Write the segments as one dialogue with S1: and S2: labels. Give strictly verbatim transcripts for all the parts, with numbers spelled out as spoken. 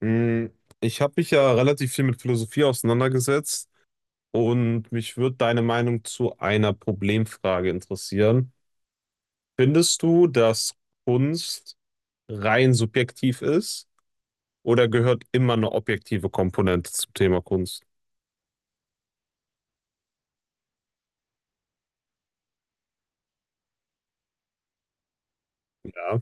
S1: Mm, Ich habe mich ja relativ viel mit Philosophie auseinandergesetzt und mich würde deine Meinung zu einer Problemfrage interessieren. Findest du, dass Kunst rein subjektiv ist oder gehört immer eine objektive Komponente zum Thema Kunst? Ja.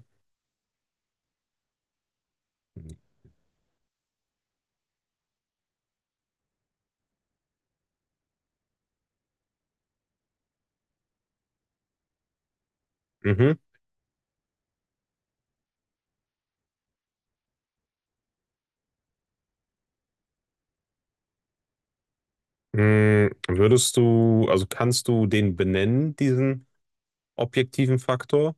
S1: Mhm. Mm, Würdest du, also kannst du den benennen, diesen objektiven Faktor?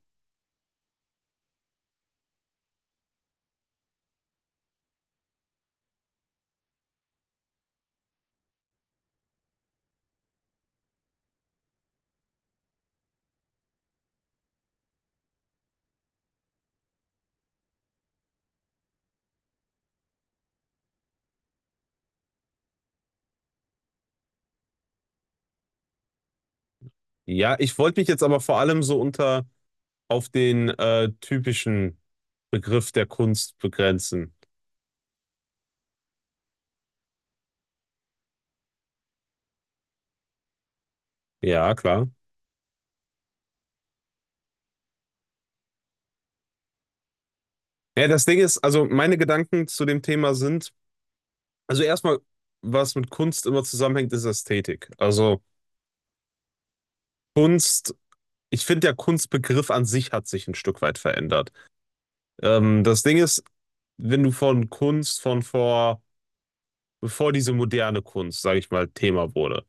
S1: Ja, ich wollte mich jetzt aber vor allem so unter auf den äh, typischen Begriff der Kunst begrenzen. Ja, klar. Ja, das Ding ist, also meine Gedanken zu dem Thema sind, also erstmal, was mit Kunst immer zusammenhängt, ist Ästhetik. Also Kunst, ich finde, der Kunstbegriff an sich hat sich ein Stück weit verändert. Ähm, das Ding ist, wenn du von Kunst von vor, bevor diese moderne Kunst, sage ich mal, Thema wurde,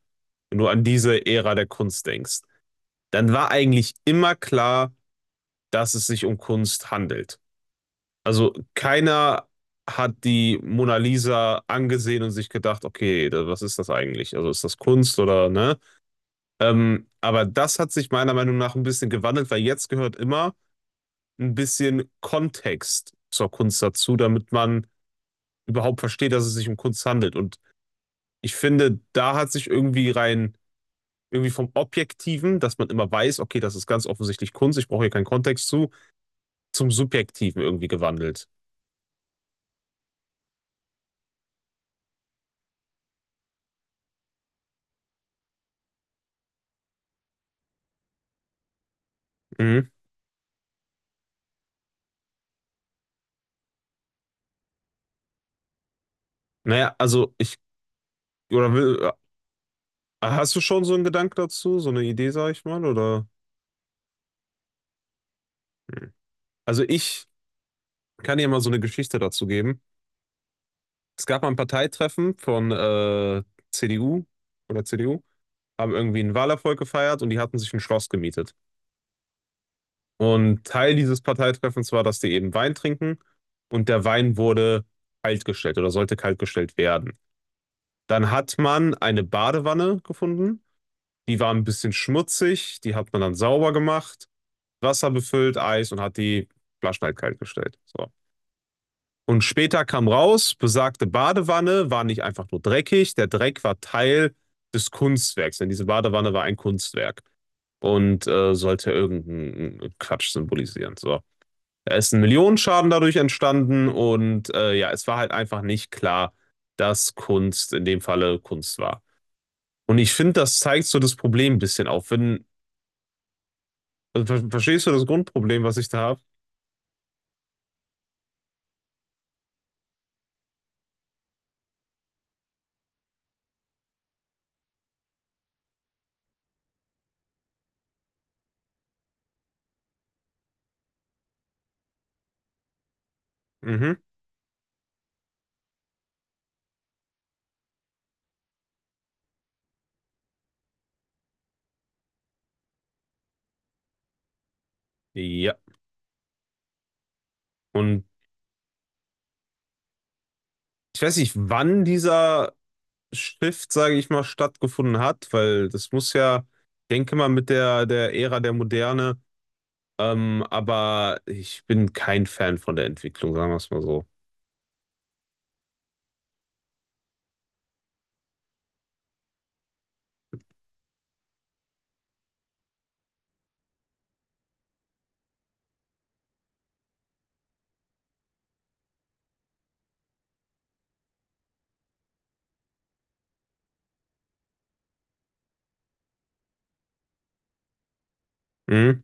S1: wenn du an diese Ära der Kunst denkst, dann war eigentlich immer klar, dass es sich um Kunst handelt. Also keiner hat die Mona Lisa angesehen und sich gedacht, okay, da- was ist das eigentlich? Also ist das Kunst oder ne? Ähm, aber das hat sich meiner Meinung nach ein bisschen gewandelt, weil jetzt gehört immer ein bisschen Kontext zur Kunst dazu, damit man überhaupt versteht, dass es sich um Kunst handelt. Und ich finde, da hat sich irgendwie rein, irgendwie vom Objektiven, dass man immer weiß, okay, das ist ganz offensichtlich Kunst, ich brauche hier keinen Kontext zu, zum Subjektiven irgendwie gewandelt. Mhm. Naja, also ich. Oder will, hast du schon so einen Gedanken dazu, so eine Idee, sag ich mal, oder? Hm. Also ich kann dir mal so eine Geschichte dazu geben. Es gab mal ein Parteitreffen von äh, C D U oder C D U, haben irgendwie einen Wahlerfolg gefeiert und die hatten sich ein Schloss gemietet. Und Teil dieses Parteitreffens war, dass die eben Wein trinken und der Wein wurde kaltgestellt oder sollte kaltgestellt werden. Dann hat man eine Badewanne gefunden, die war ein bisschen schmutzig, die hat man dann sauber gemacht. Wasser befüllt, Eis und hat die Flaschen halt kalt gestellt. So. Und später kam raus, besagte Badewanne war nicht einfach nur dreckig, der Dreck war Teil des Kunstwerks, denn diese Badewanne war ein Kunstwerk und äh, sollte irgendeinen Quatsch symbolisieren. So. Da ist ein Millionenschaden dadurch entstanden und äh, ja, es war halt einfach nicht klar, dass Kunst in dem Falle Kunst war. Und ich finde, das zeigt so das Problem ein bisschen auf. Wenn, also, ver verstehst du das Grundproblem, was ich da habe? Mhm. Ja. Und ich weiß nicht, wann dieser Shift, sage ich mal, stattgefunden hat, weil das muss ja, denke mal, mit der, der Ära der Moderne, ähm, aber ich bin kein Fan von der Entwicklung, sagen wir es mal so. Mhm.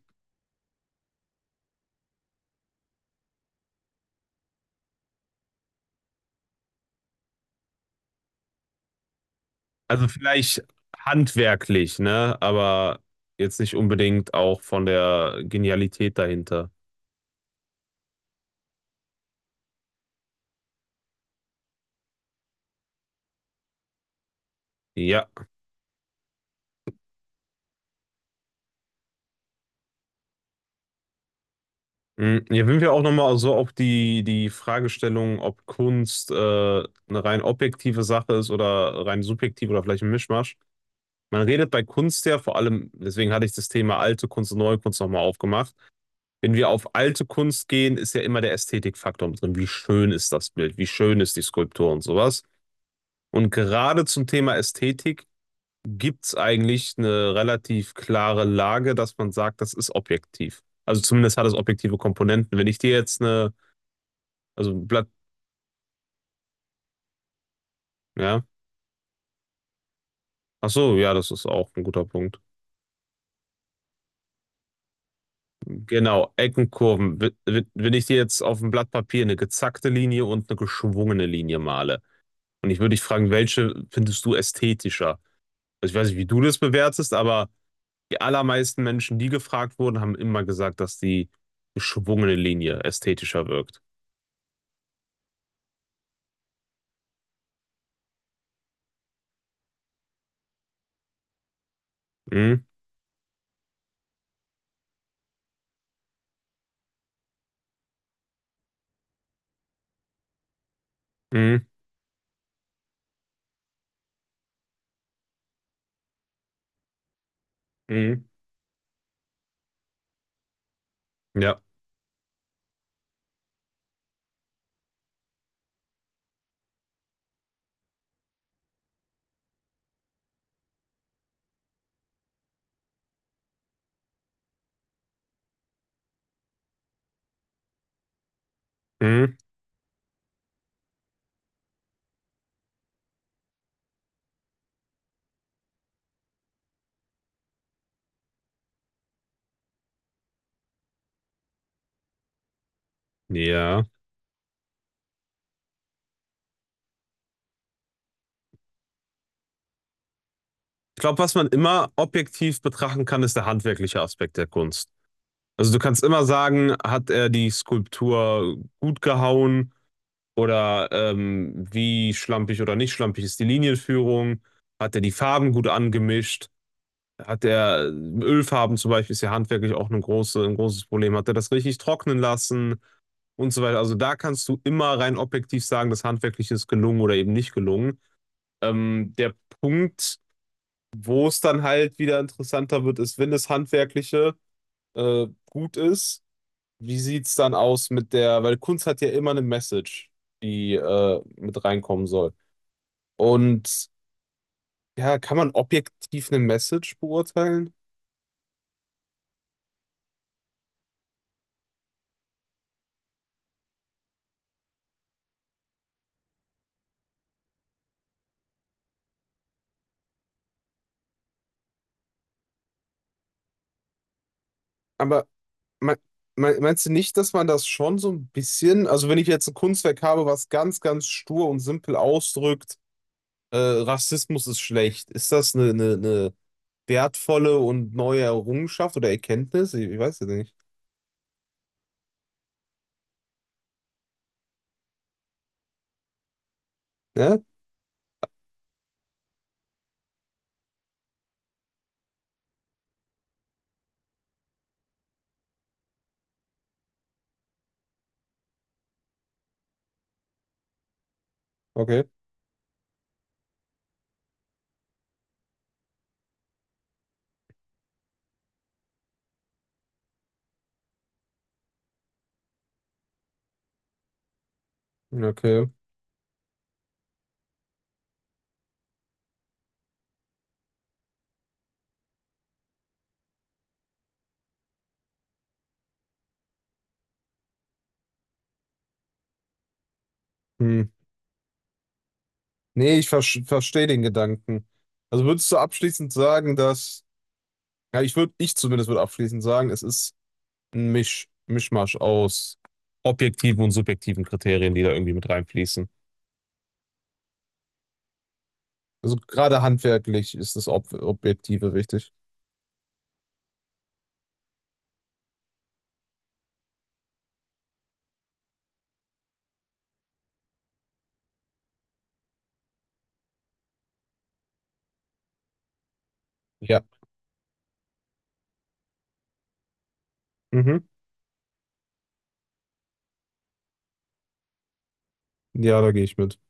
S1: Also vielleicht handwerklich, ne? Aber jetzt nicht unbedingt auch von der Genialität dahinter. Ja. Mhm. Hier sind wir auch nochmal so auf die, die Fragestellung, ob Kunst äh, eine rein objektive Sache ist oder rein subjektiv oder vielleicht ein Mischmasch. Man redet bei Kunst ja vor allem, deswegen hatte ich das Thema alte Kunst und neue Kunst nochmal aufgemacht. Wenn wir auf alte Kunst gehen, ist ja immer der Ästhetikfaktor mit drin. Wie schön ist das Bild? Wie schön ist die Skulptur und sowas? Und gerade zum Thema Ästhetik gibt es eigentlich eine relativ klare Lage, dass man sagt, das ist objektiv. Also zumindest hat es objektive Komponenten. Wenn ich dir jetzt eine, also ein Blatt, ja, ach so, ja, das ist auch ein guter Punkt. Genau, Ecken, Kurven. W- w- Wenn ich dir jetzt auf dem Blatt Papier eine gezackte Linie und eine geschwungene Linie male und ich würde dich fragen, welche findest du ästhetischer? Also ich weiß nicht, wie du das bewertest, aber die allermeisten Menschen, die gefragt wurden, haben immer gesagt, dass die geschwungene Linie ästhetischer wirkt. Hm, hm, hm. Ja, hm, ja. Ich glaube, was man immer objektiv betrachten kann, ist der handwerkliche Aspekt der Kunst. Also du kannst immer sagen, hat er die Skulptur gut gehauen? Oder ähm, wie schlampig oder nicht schlampig ist die Linienführung? Hat er die Farben gut angemischt? Hat er äh, Ölfarben zum Beispiel, ist ja handwerklich auch eine große, ein großes Problem. Hat er das richtig trocknen lassen und so weiter? Also da kannst du immer rein objektiv sagen, das handwerklich ist gelungen oder eben nicht gelungen. Ähm, der Punkt, wo es dann halt wieder interessanter wird, ist, wenn das Handwerkliche äh, gut ist, wie sieht es dann aus mit der, weil Kunst hat ja immer eine Message, die äh, mit reinkommen soll. Und ja, kann man objektiv eine Message beurteilen? Aber me me meinst du nicht, dass man das schon so ein bisschen, also wenn ich jetzt ein Kunstwerk habe, was ganz, ganz stur und simpel ausdrückt, äh, Rassismus ist schlecht, ist das eine, eine, eine wertvolle und neue Errungenschaft oder Erkenntnis? Ich, ich weiß es nicht. Ja? Okay. Okay. Hm. Nee, ich ver verstehe den Gedanken. Also würdest du abschließend sagen, dass, ja, ich würde, ich zumindest würde abschließend sagen, es ist ein Misch, Mischmasch aus objektiven und subjektiven Kriterien, die da irgendwie mit reinfließen. Also gerade handwerklich ist das Ob Objektive wichtig. Ja. Mhm. Ja, da gehe ich mit.